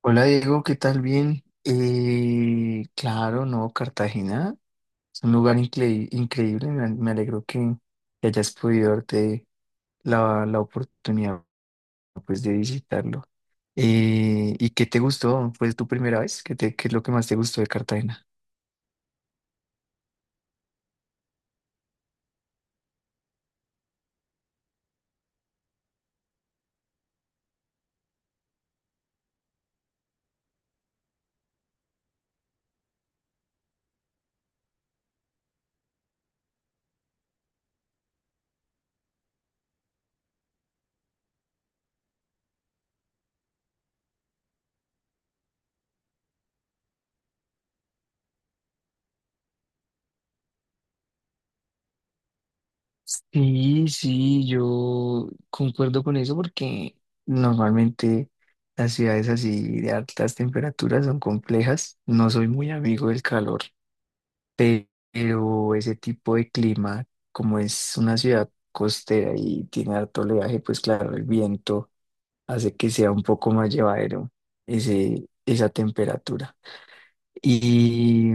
Hola Diego, ¿qué tal? Bien. Claro, no, Cartagena es un lugar increíble. Me alegro que hayas podido darte la oportunidad, pues, de visitarlo. ¿Y qué te gustó? ¿Fue tu primera vez? ¿Qué es lo que más te gustó de Cartagena? Sí, sí, yo concuerdo con eso porque normalmente las ciudades así de altas temperaturas son complejas. No soy muy amigo del calor. Pero ese tipo de clima, como es una ciudad costera y tiene harto oleaje, pues claro, el viento hace que sea un poco más llevadero esa temperatura. Y,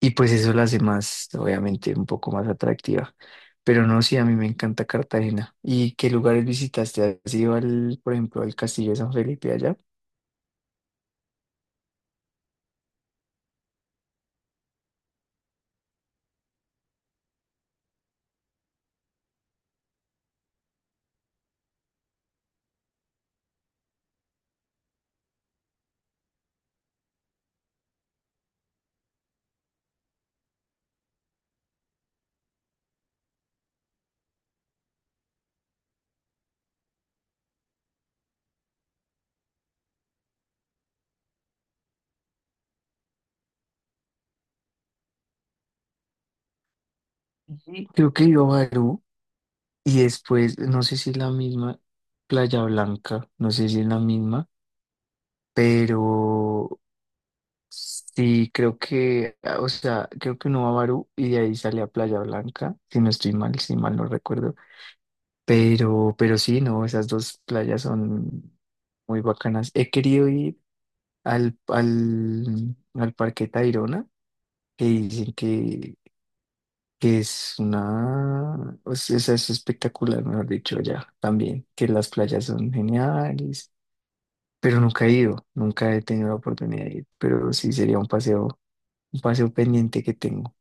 y pues eso la hace más, obviamente, un poco más atractiva. Pero no, sí, a mí me encanta Cartagena. ¿Y qué lugares visitaste? ¿Has ido al, por ejemplo, al Castillo de San Felipe allá? Ujú. Creo que he ido a Barú. Y después, no sé si es la misma Playa Blanca, no sé si es la misma, pero sí, creo que, o sea, creo que uno va a Barú y de ahí sale a Playa Blanca, si no estoy mal, si mal no recuerdo. Pero sí, no, esas dos playas son muy bacanas. He querido ir al Parque Tayrona, que dicen que es una, o sea, esa es espectacular, mejor dicho, ya también, que las playas son geniales, pero nunca he ido, nunca he tenido la oportunidad de ir, pero sí sería un paseo pendiente que tengo.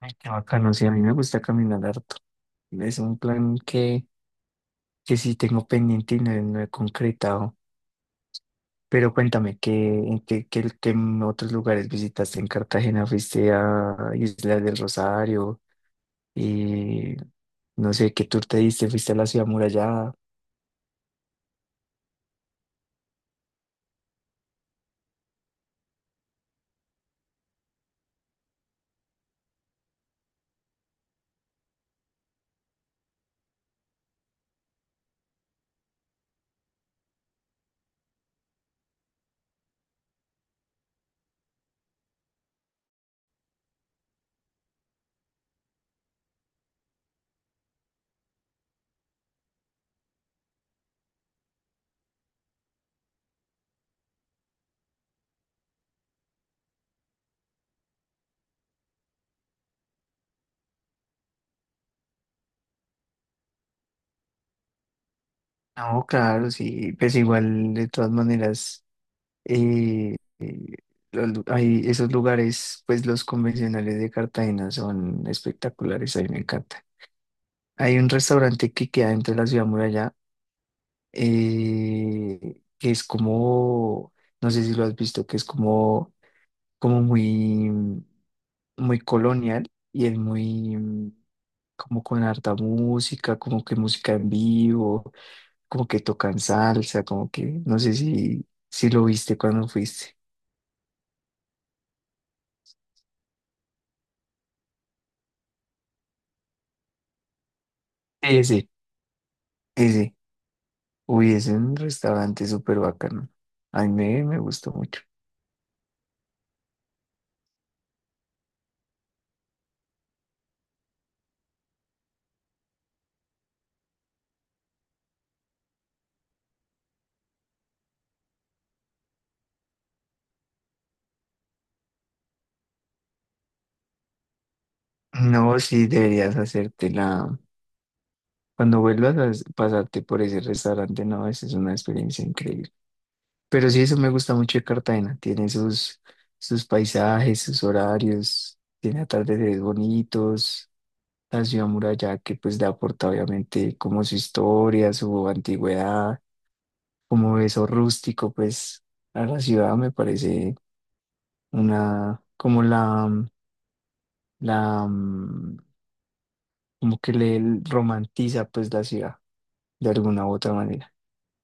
Ay, qué bacano, sí, a mí me gusta caminar harto. Es un plan que sí tengo pendiente y no, he no he concretado. Pero cuéntame, ¿en qué otros lugares visitaste en Cartagena? ¿Fuiste a Islas del Rosario? Y no sé qué tour te diste, fuiste a la ciudad amurallada. No, claro, sí, pues igual de todas maneras, eh, eh, hay esos lugares, pues los convencionales de Cartagena son espectaculares, a mí me encanta. Hay un restaurante que queda dentro de la ciudad amurallada, que es como, no sé si lo has visto, que es como muy, muy colonial y es muy como con harta música, como que música en vivo, como que tocan salsa, como que no sé si lo viste cuando fuiste. Ese, ese. Uy, ese es un restaurante súper bacano. A mí me gustó mucho. No, sí. Cuando vuelvas a pasarte por ese restaurante, no, esa es una experiencia increíble. Pero sí, eso me gusta mucho de Cartagena. Tiene sus, paisajes, sus horarios, tiene atardeceres bonitos. La ciudad muralla, que pues le aporta obviamente como su historia, su antigüedad, como eso rústico, pues a la ciudad me parece una, como la, como que le romantiza pues la ciudad de alguna u otra manera.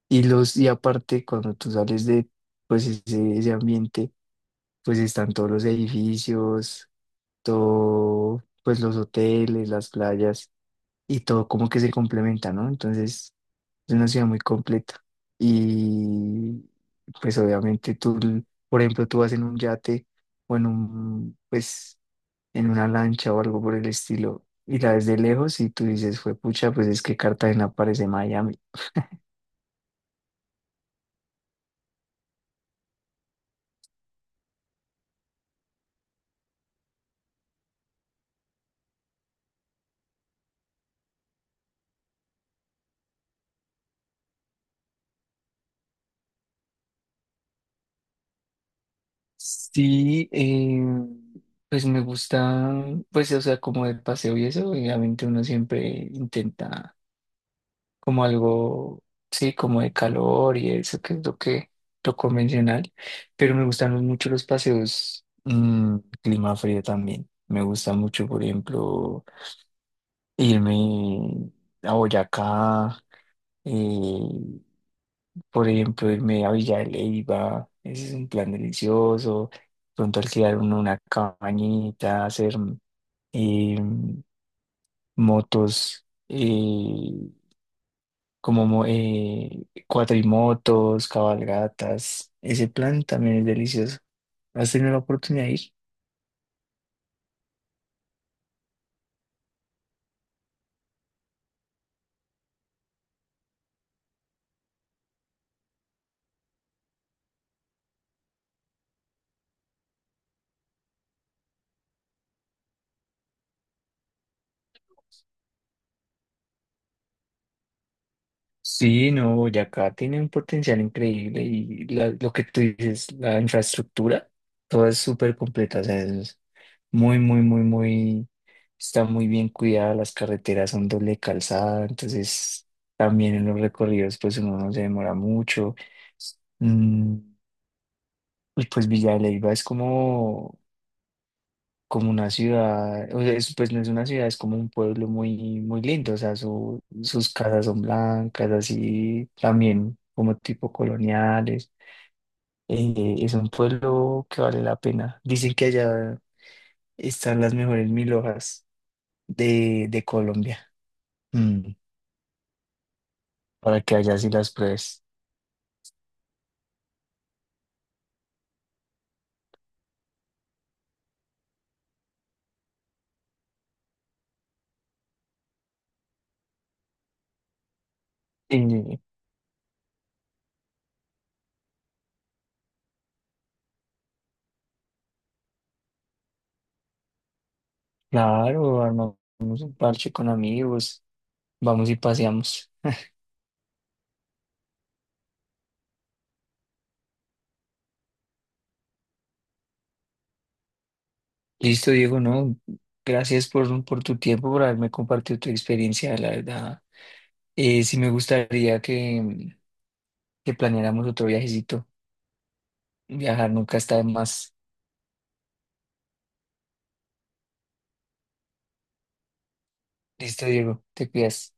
Y aparte, cuando tú sales de pues ese ambiente, pues están todos los edificios, todo pues los hoteles, las playas y todo como que se complementa, ¿no? Entonces es una ciudad muy completa. Y pues obviamente tú, por ejemplo, tú vas en un yate o pues, en una lancha o algo por el estilo y la ves de lejos y tú dices, fue pucha, pues es que Cartagena parece Miami. Sí, pues me gusta, pues o sea, como el paseo y eso, obviamente uno siempre intenta como algo, sí, como de calor y eso, que es lo convencional, pero me gustan mucho los paseos, clima frío también. Me gusta mucho, por ejemplo, irme a Boyacá, eh, por ejemplo, irme a Villa de Leyva, ese es un plan delicioso. Pronto alquilar uno una cabañita, hacer eh, motos, como cuatrimotos, cabalgatas. Ese plan también es delicioso. ¿Has tenido la oportunidad de ir? Sí, no, Boyacá tiene un potencial increíble y lo que tú dices, la infraestructura, todo es súper completa, o sea, es muy, muy, muy, muy, está muy bien cuidada, las carreteras son doble calzada, entonces también en los recorridos pues uno no se demora mucho. Mm, y pues Villa de Leyva es como una ciudad, o sea, pues no es una ciudad, es como un pueblo muy, muy lindo, o sea, sus casas son blancas, así también como tipo coloniales. Es un pueblo que vale la pena. Dicen que allá están las mejores mil hojas de Colombia. Mm, para que allá sí las pruebes. Eh, claro, armamos un parche con amigos, vamos y paseamos. Listo, Diego, no, gracias por tu tiempo, por haberme compartido tu experiencia, la verdad. Sí me gustaría que planeáramos otro viajecito. Viajar nunca está de más. Listo, Diego, te cuidas.